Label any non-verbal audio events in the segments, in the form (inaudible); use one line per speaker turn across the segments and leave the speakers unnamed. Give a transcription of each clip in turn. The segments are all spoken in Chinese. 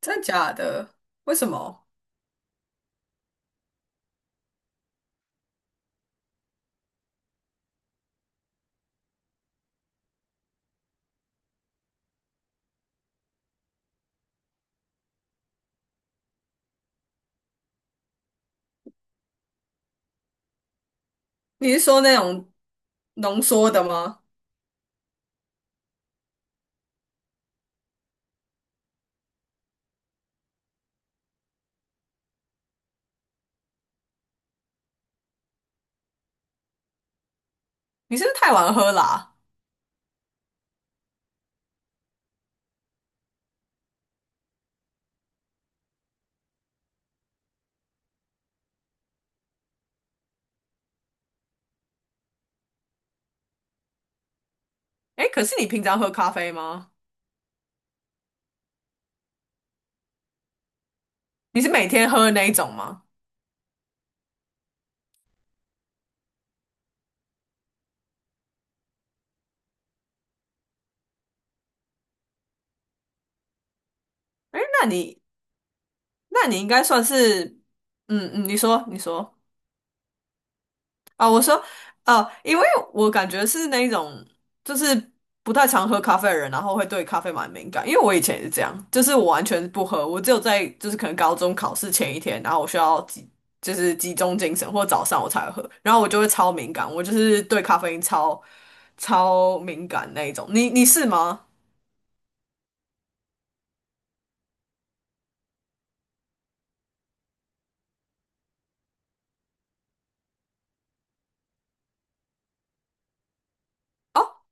真的假的？为什么？你是说那种浓缩的吗？你是不是太晚喝啦？哎，可是你平常喝咖啡吗？你是每天喝的那一种吗？哎，那你应该算是，嗯嗯，你说你说，啊，我说，因为我感觉是那种就是不太常喝咖啡的人，然后会对咖啡蛮敏感。因为我以前也是这样，就是我完全不喝，我只有在就是可能高中考试前一天，然后我需要就是集中精神，或早上我才会喝，然后我就会超敏感，我就是对咖啡因超敏感那一种。你是吗？哦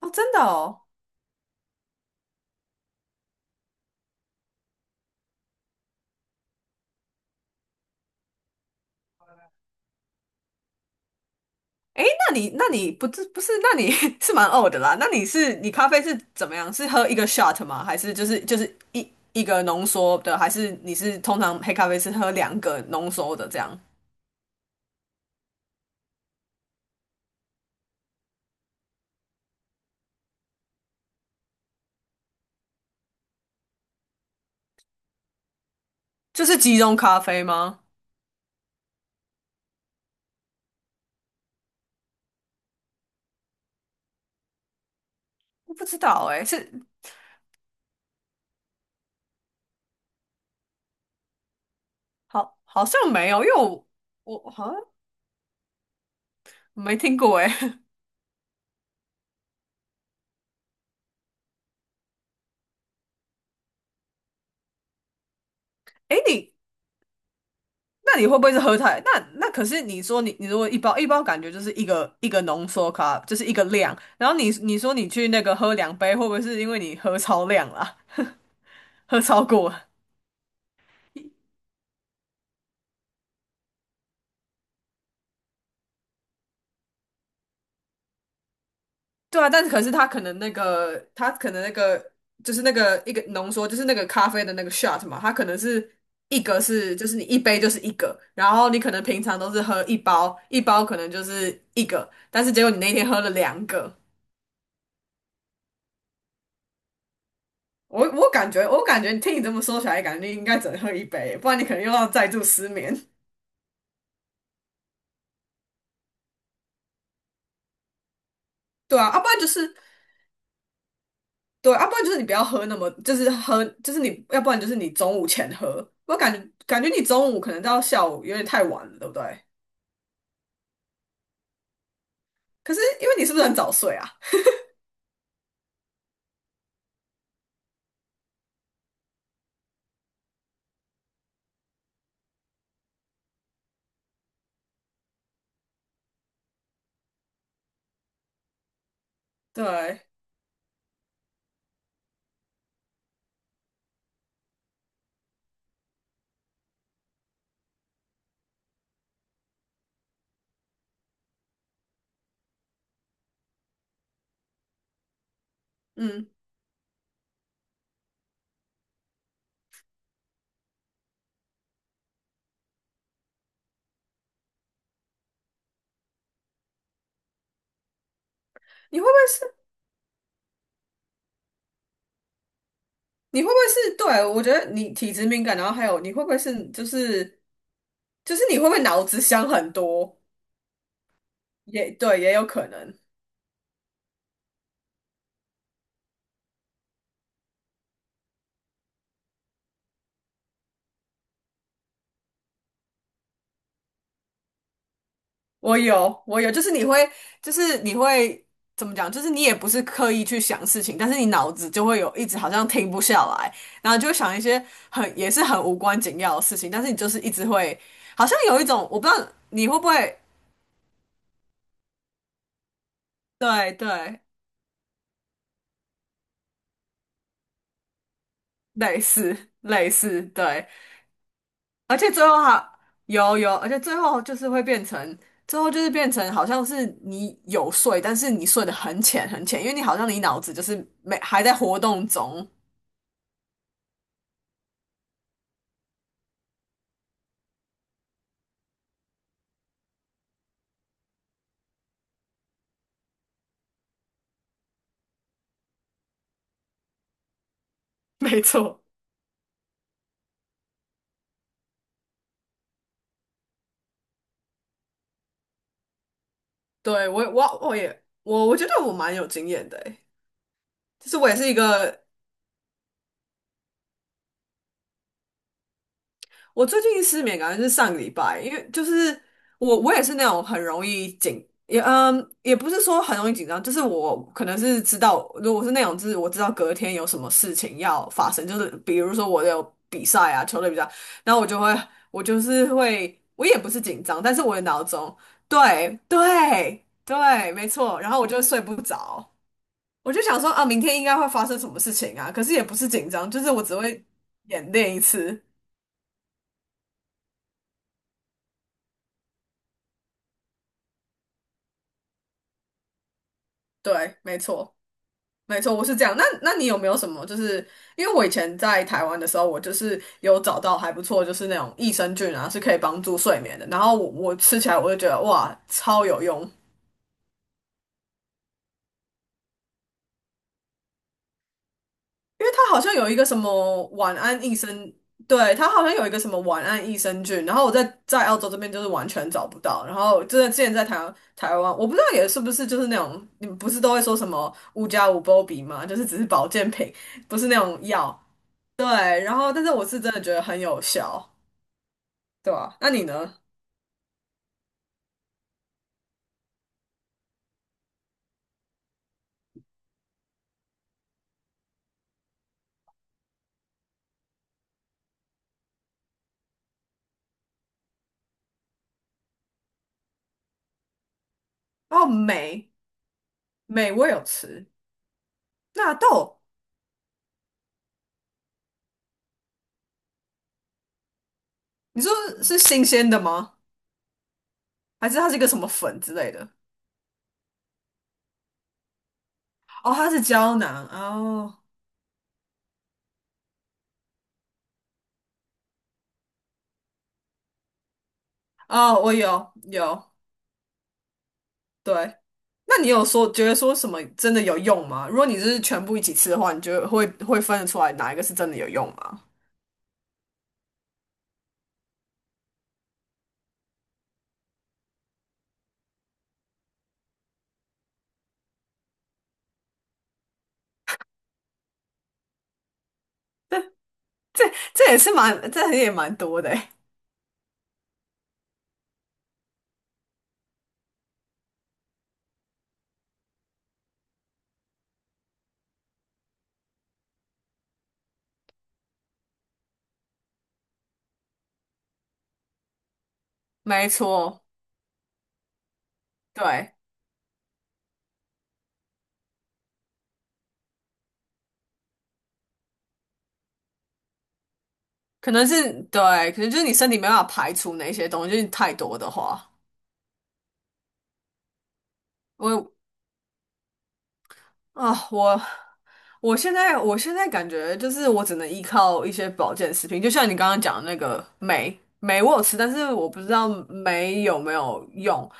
哦，真的哦。诶，那你不是不是，那你 (laughs) 是蛮呕的啦。那你是你咖啡是怎么样？是喝一个 shot 吗？还是就是一个浓缩的？还是你是通常黑咖啡是喝两个浓缩的这样？就是集中咖啡吗？我不知道诶，是好像没有，因为我好像没听过诶。(laughs) 诶，那你会不会是喝太？那可是你说你如果一包一包感觉就是一个一个浓缩咖，就是一个量。然后你说你去那个喝两杯，会不会是因为你喝超量啦？喝超过了。对啊，可是他可能那个就是那个一个浓缩，就是那个咖啡的那个 shot 嘛，它可能是一个是就是你一杯就是一个，然后你可能平常都是喝一包，一包可能就是一个，但是结果你那天喝了两个。我感觉你听你这么说起来，感觉你应该只能喝一杯，不然你可能又要再度失眠。对啊，不然就是对，不然就是你不要喝那么，就是喝，就是你，要不然就是你中午前喝。我感觉你中午可能到下午有点太晚了，对不对？可是因为你是不是很早睡啊？对，嗯，你会不会是？你会不会是？对，我觉得你体质敏感，然后还有你会不会是？就是你会不会脑子想很多？也对，也有可能。我有，就是你会怎么讲？就是你也不是刻意去想事情，但是你脑子就会有一直好像停不下来，然后就会想一些很也是很无关紧要的事情，但是你就是一直会，好像有一种我不知道你会不会，对对，类似类似，对，而且最后还有，而且最后就是会变成。最后就是变成好像是你有睡，但是你睡得很浅很浅，因为你好像你脑子就是没还在活动中。(laughs) 没错。对，我觉得我蛮有经验的诶，就是我也是一个，我最近失眠感觉是上个礼拜，因为就是我也是那种很容易，也也不是说很容易紧张，就是我可能是知道，如果是那种就是我知道隔天有什么事情要发生，就是比如说我有比赛啊，球类比赛，然后我就是会，我也不是紧张，但是我的脑中。对对对，没错，然后我就睡不着。我就想说啊，明天应该会发生什么事情啊？可是也不是紧张，就是我只会演练一次。对，没错，没错，我是这样。那你有没有什么？就是因为我以前在台湾的时候，我就是有找到还不错，就是那种益生菌啊，是可以帮助睡眠的。然后我吃起来，我就觉得哇，超有用。因为它好像有一个什么晚安益生。对，它好像有一个什么晚安益生菌，然后我在澳洲这边就是完全找不到，然后真的之前在台湾，我不知道也是不是就是那种你们不是都会说什么五加五波比吗？就是只是保健品，不是那种药，对，然后但是我是真的觉得很有效，对吧？那你呢？哦，镁我有吃，纳豆，你说是新鲜的吗？还是它是一个什么粉之类的？哦，它是胶囊哦。哦，我有，对。那你有说觉得说什么真的有用吗？如果你是全部一起吃的话，你就会分得出来哪一个是真的有用吗？这这也蛮多的欸。没错，对，可能是对，可能就是你身体没办法排除那些东西，就是太多的话，我啊，我我现在我现在感觉就是我只能依靠一些保健食品，就像你刚刚讲的那个酶，酶我有吃，但是我不知道酶有没有用。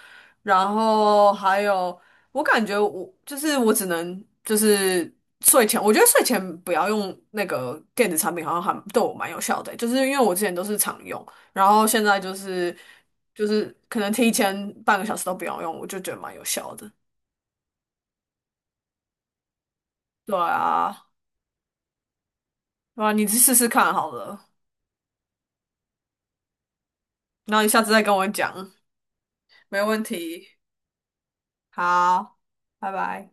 然后还有，我感觉我就是我只能就是睡前，我觉得睡前不要用那个电子产品，好像还对我蛮有效的欸，就是因为我之前都是常用，然后现在就是可能提前半个小时都不要用，我就觉得蛮有效的。对啊。哇，你去试试看好了，然后你下次再跟我讲，没问题。好，拜拜。